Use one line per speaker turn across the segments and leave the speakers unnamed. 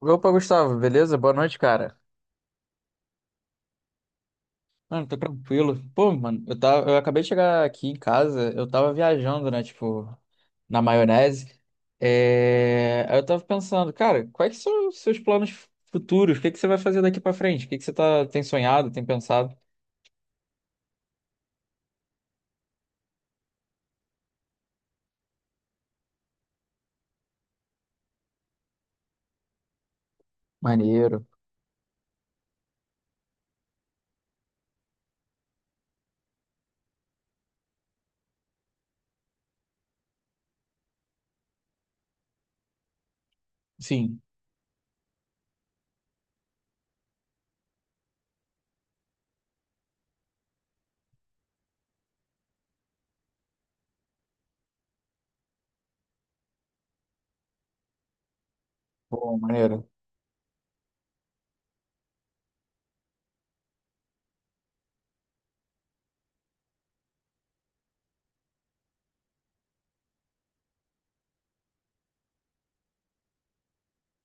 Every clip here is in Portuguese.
Opa, Gustavo, beleza? Boa noite, cara. Mano, tô tranquilo. Pô, mano, eu acabei de chegar aqui em casa, eu tava viajando, né, tipo, na maionese. Aí eu tava pensando, cara, quais que são os seus planos futuros? O que que você vai fazer daqui pra frente? O que que tem sonhado, tem pensado? Maneiro. Sim. Pô, maneiro.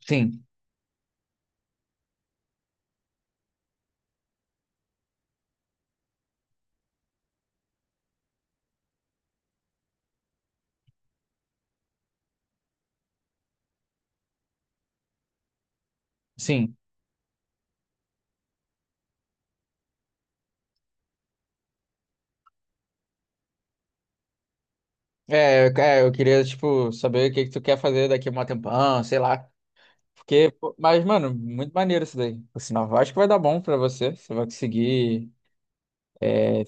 Sim, sim. Eu queria, tipo, saber o que que tu quer fazer daqui a um tempão, sei lá. Porque, pô, mas, mano, muito maneiro isso daí. Por sinal, eu acho que vai dar bom pra você. Você vai conseguir é,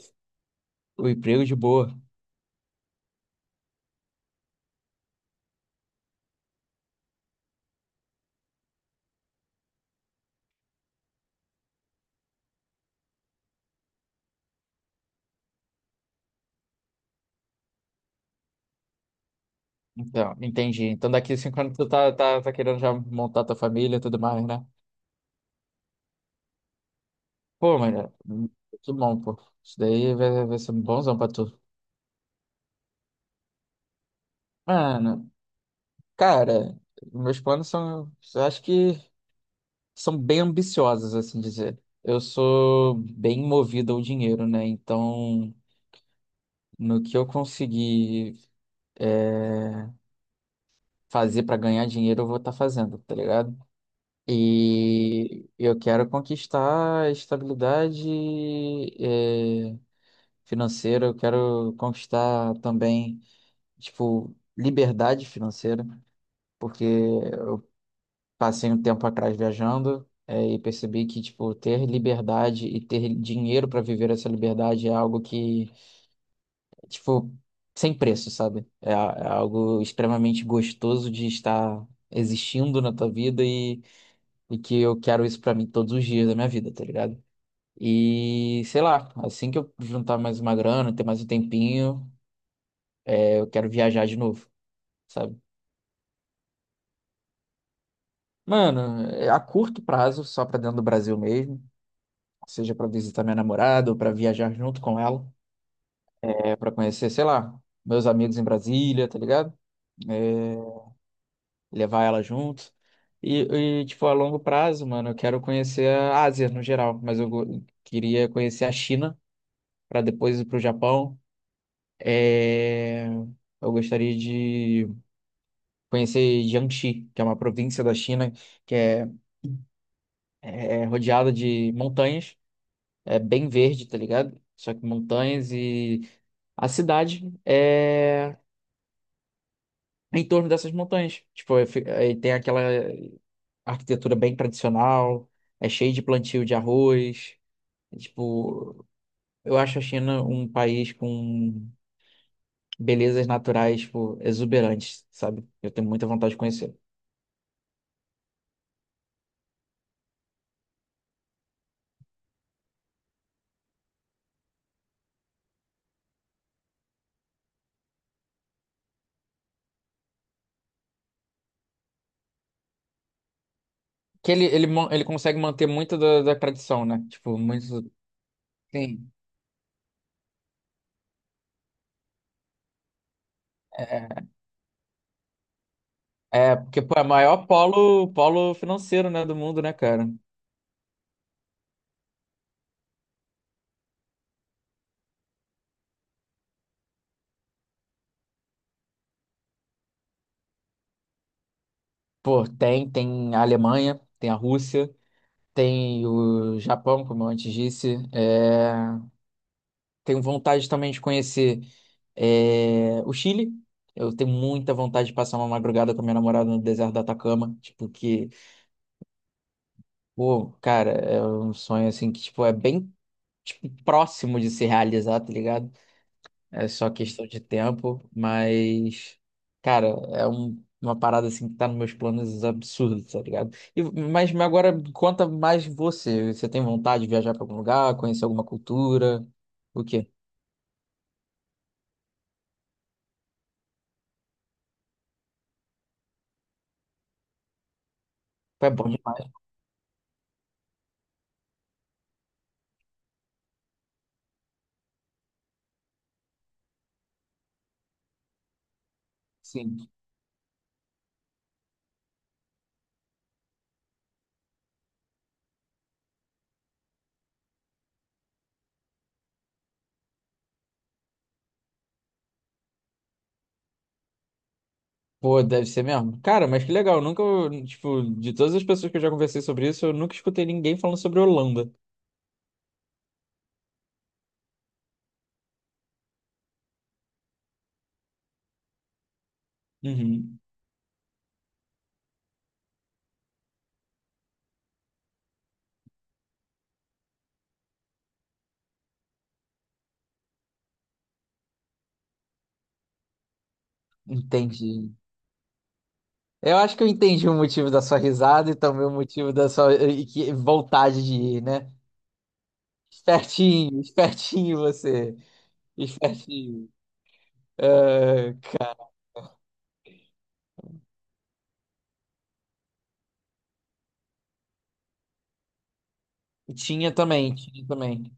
o emprego de boa. Então, entendi. Então, daqui a 5 anos tu tá querendo já montar tua família e tudo mais, né? Pô, mano, que bom, pô. Isso daí vai ser um bonzão pra tu. Mano, cara, meus planos são, eu acho que são bem ambiciosos, assim dizer. Eu sou bem movido ao dinheiro, né? Então, no que eu conseguir é, fazer para ganhar dinheiro, eu vou estar fazendo, tá ligado? E eu quero conquistar estabilidade, eh, financeira, eu quero conquistar também, tipo, liberdade financeira, porque eu passei um tempo atrás viajando. E percebi que, tipo, ter liberdade e ter dinheiro para viver essa liberdade é algo que, tipo, sem preço, sabe? É algo extremamente gostoso de estar existindo na tua vida. E que eu quero isso pra mim todos os dias da minha vida, tá ligado? E sei lá, assim que eu juntar mais uma grana, ter mais um tempinho, eu quero viajar de novo, sabe? Mano, é a curto prazo, só pra dentro do Brasil mesmo, seja pra visitar minha namorada ou pra viajar junto com ela, é para conhecer, sei lá, meus amigos em Brasília, tá ligado? É, levar ela junto. E, e, tipo, a longo prazo, mano, eu quero conhecer a Ásia no geral, mas queria conhecer a China pra depois ir pro Japão. É, Eu gostaria de conhecer Jiangxi, que é uma província da China que é rodeada de montanhas, é bem verde, tá ligado? Só que montanhas e a cidade é em torno dessas montanhas. Tipo, aí tem aquela arquitetura bem tradicional, é cheio de plantio de arroz. Tipo, eu acho a China um país com belezas naturais, tipo, exuberantes, sabe? Eu tenho muita vontade de conhecer. Que ele consegue manter muito da tradição, né? Tipo, muito. Sim. É, é, porque, pô, é o maior polo financeiro, né, do mundo, né, cara? Pô, tem a Alemanha, tem a Rússia, tem o Japão, como eu antes disse. Tenho vontade também de conhecer o Chile. Eu tenho muita vontade de passar uma madrugada com a minha namorada no deserto do Atacama. Tipo, que, pô, cara, é um sonho assim que, tipo, é bem tipo, próximo de se realizar, tá ligado? É só questão de tempo, mas, cara, uma parada assim que tá nos meus planos absurdos, tá ligado? Mas agora conta mais você. Você tem vontade de viajar pra algum lugar, conhecer alguma cultura? O quê? Pô, é bom demais, sim. Pô, deve ser mesmo. Cara, mas que legal. Nunca, tipo, de todas as pessoas que eu já conversei sobre isso, eu nunca escutei ninguém falando sobre Holanda. Uhum. Entendi. Eu acho que eu entendi o motivo da sua risada e também o motivo da sua vontade de ir, né? Espertinho, espertinho você. Espertinho. Ah, cara. Tinha também, tinha também.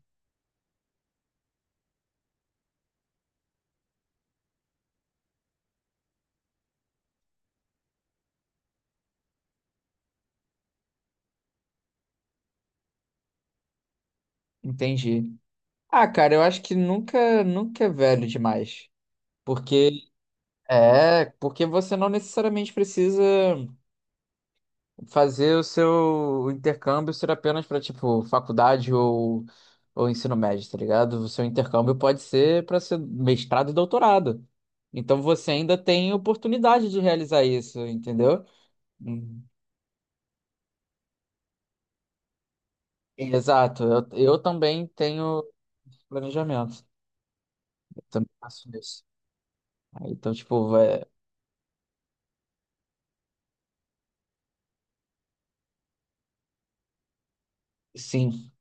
Entendi. Ah, cara, eu acho que nunca, nunca é velho demais. Porque porque você não necessariamente precisa fazer o seu intercâmbio ser apenas para tipo faculdade ou ensino médio, tá ligado? O seu intercâmbio pode ser para ser mestrado e doutorado. Então você ainda tem oportunidade de realizar isso, entendeu? Hum. Exato, eu também tenho planejamento, eu também faço isso. Aí, então, tipo, sim,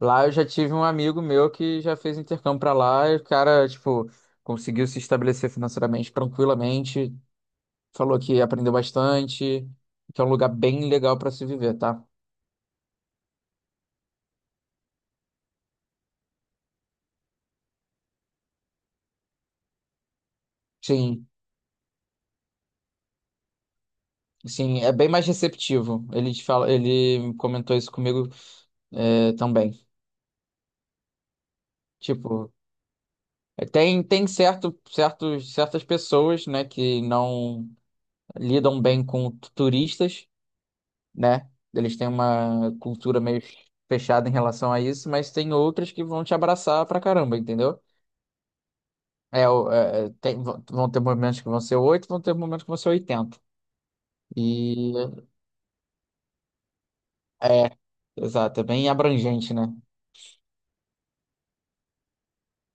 lá eu já tive um amigo meu que já fez intercâmbio pra lá e o cara, tipo, conseguiu se estabelecer financeiramente tranquilamente, falou que aprendeu bastante, que é um lugar bem legal pra se viver, tá? Sim, sim, é bem mais receptivo. Ele comentou isso comigo, também. Tipo, tem certas pessoas, né, que não lidam bem com turistas, né? Eles têm uma cultura meio fechada em relação a isso, mas tem outras que vão te abraçar pra caramba, entendeu? Vão ter momentos que vão ser 8, vão ter momentos que vão ser oitenta. E é, exato, é bem abrangente, né?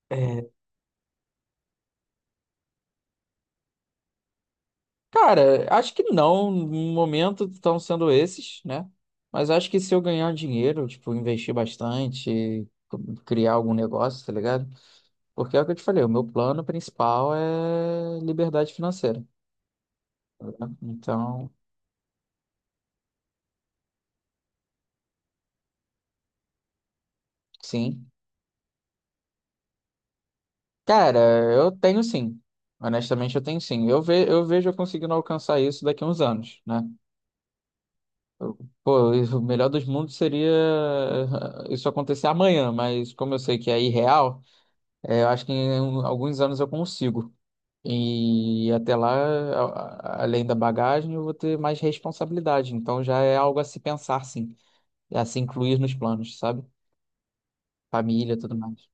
É, cara, acho que não, no momento estão sendo esses, né? Mas acho que se eu ganhar dinheiro, tipo, investir bastante, criar algum negócio, tá ligado? Porque é o que eu te falei, o meu plano principal é liberdade financeira, né? Então, sim. Cara, eu tenho sim. Honestamente, eu tenho sim. Eu vejo eu conseguindo alcançar isso daqui a uns anos, né? Eu- Pô, o melhor dos mundos seria isso acontecer amanhã, mas como eu sei que é irreal, eu acho que alguns anos eu consigo. E até lá, além da bagagem, eu vou ter mais responsabilidade. Então já é algo a se pensar, sim. A se incluir nos planos, sabe? Família, tudo mais.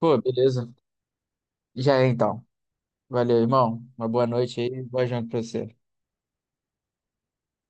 Pô, beleza. Já é então. Valeu, irmão. Uma boa noite aí, boa janta pra você.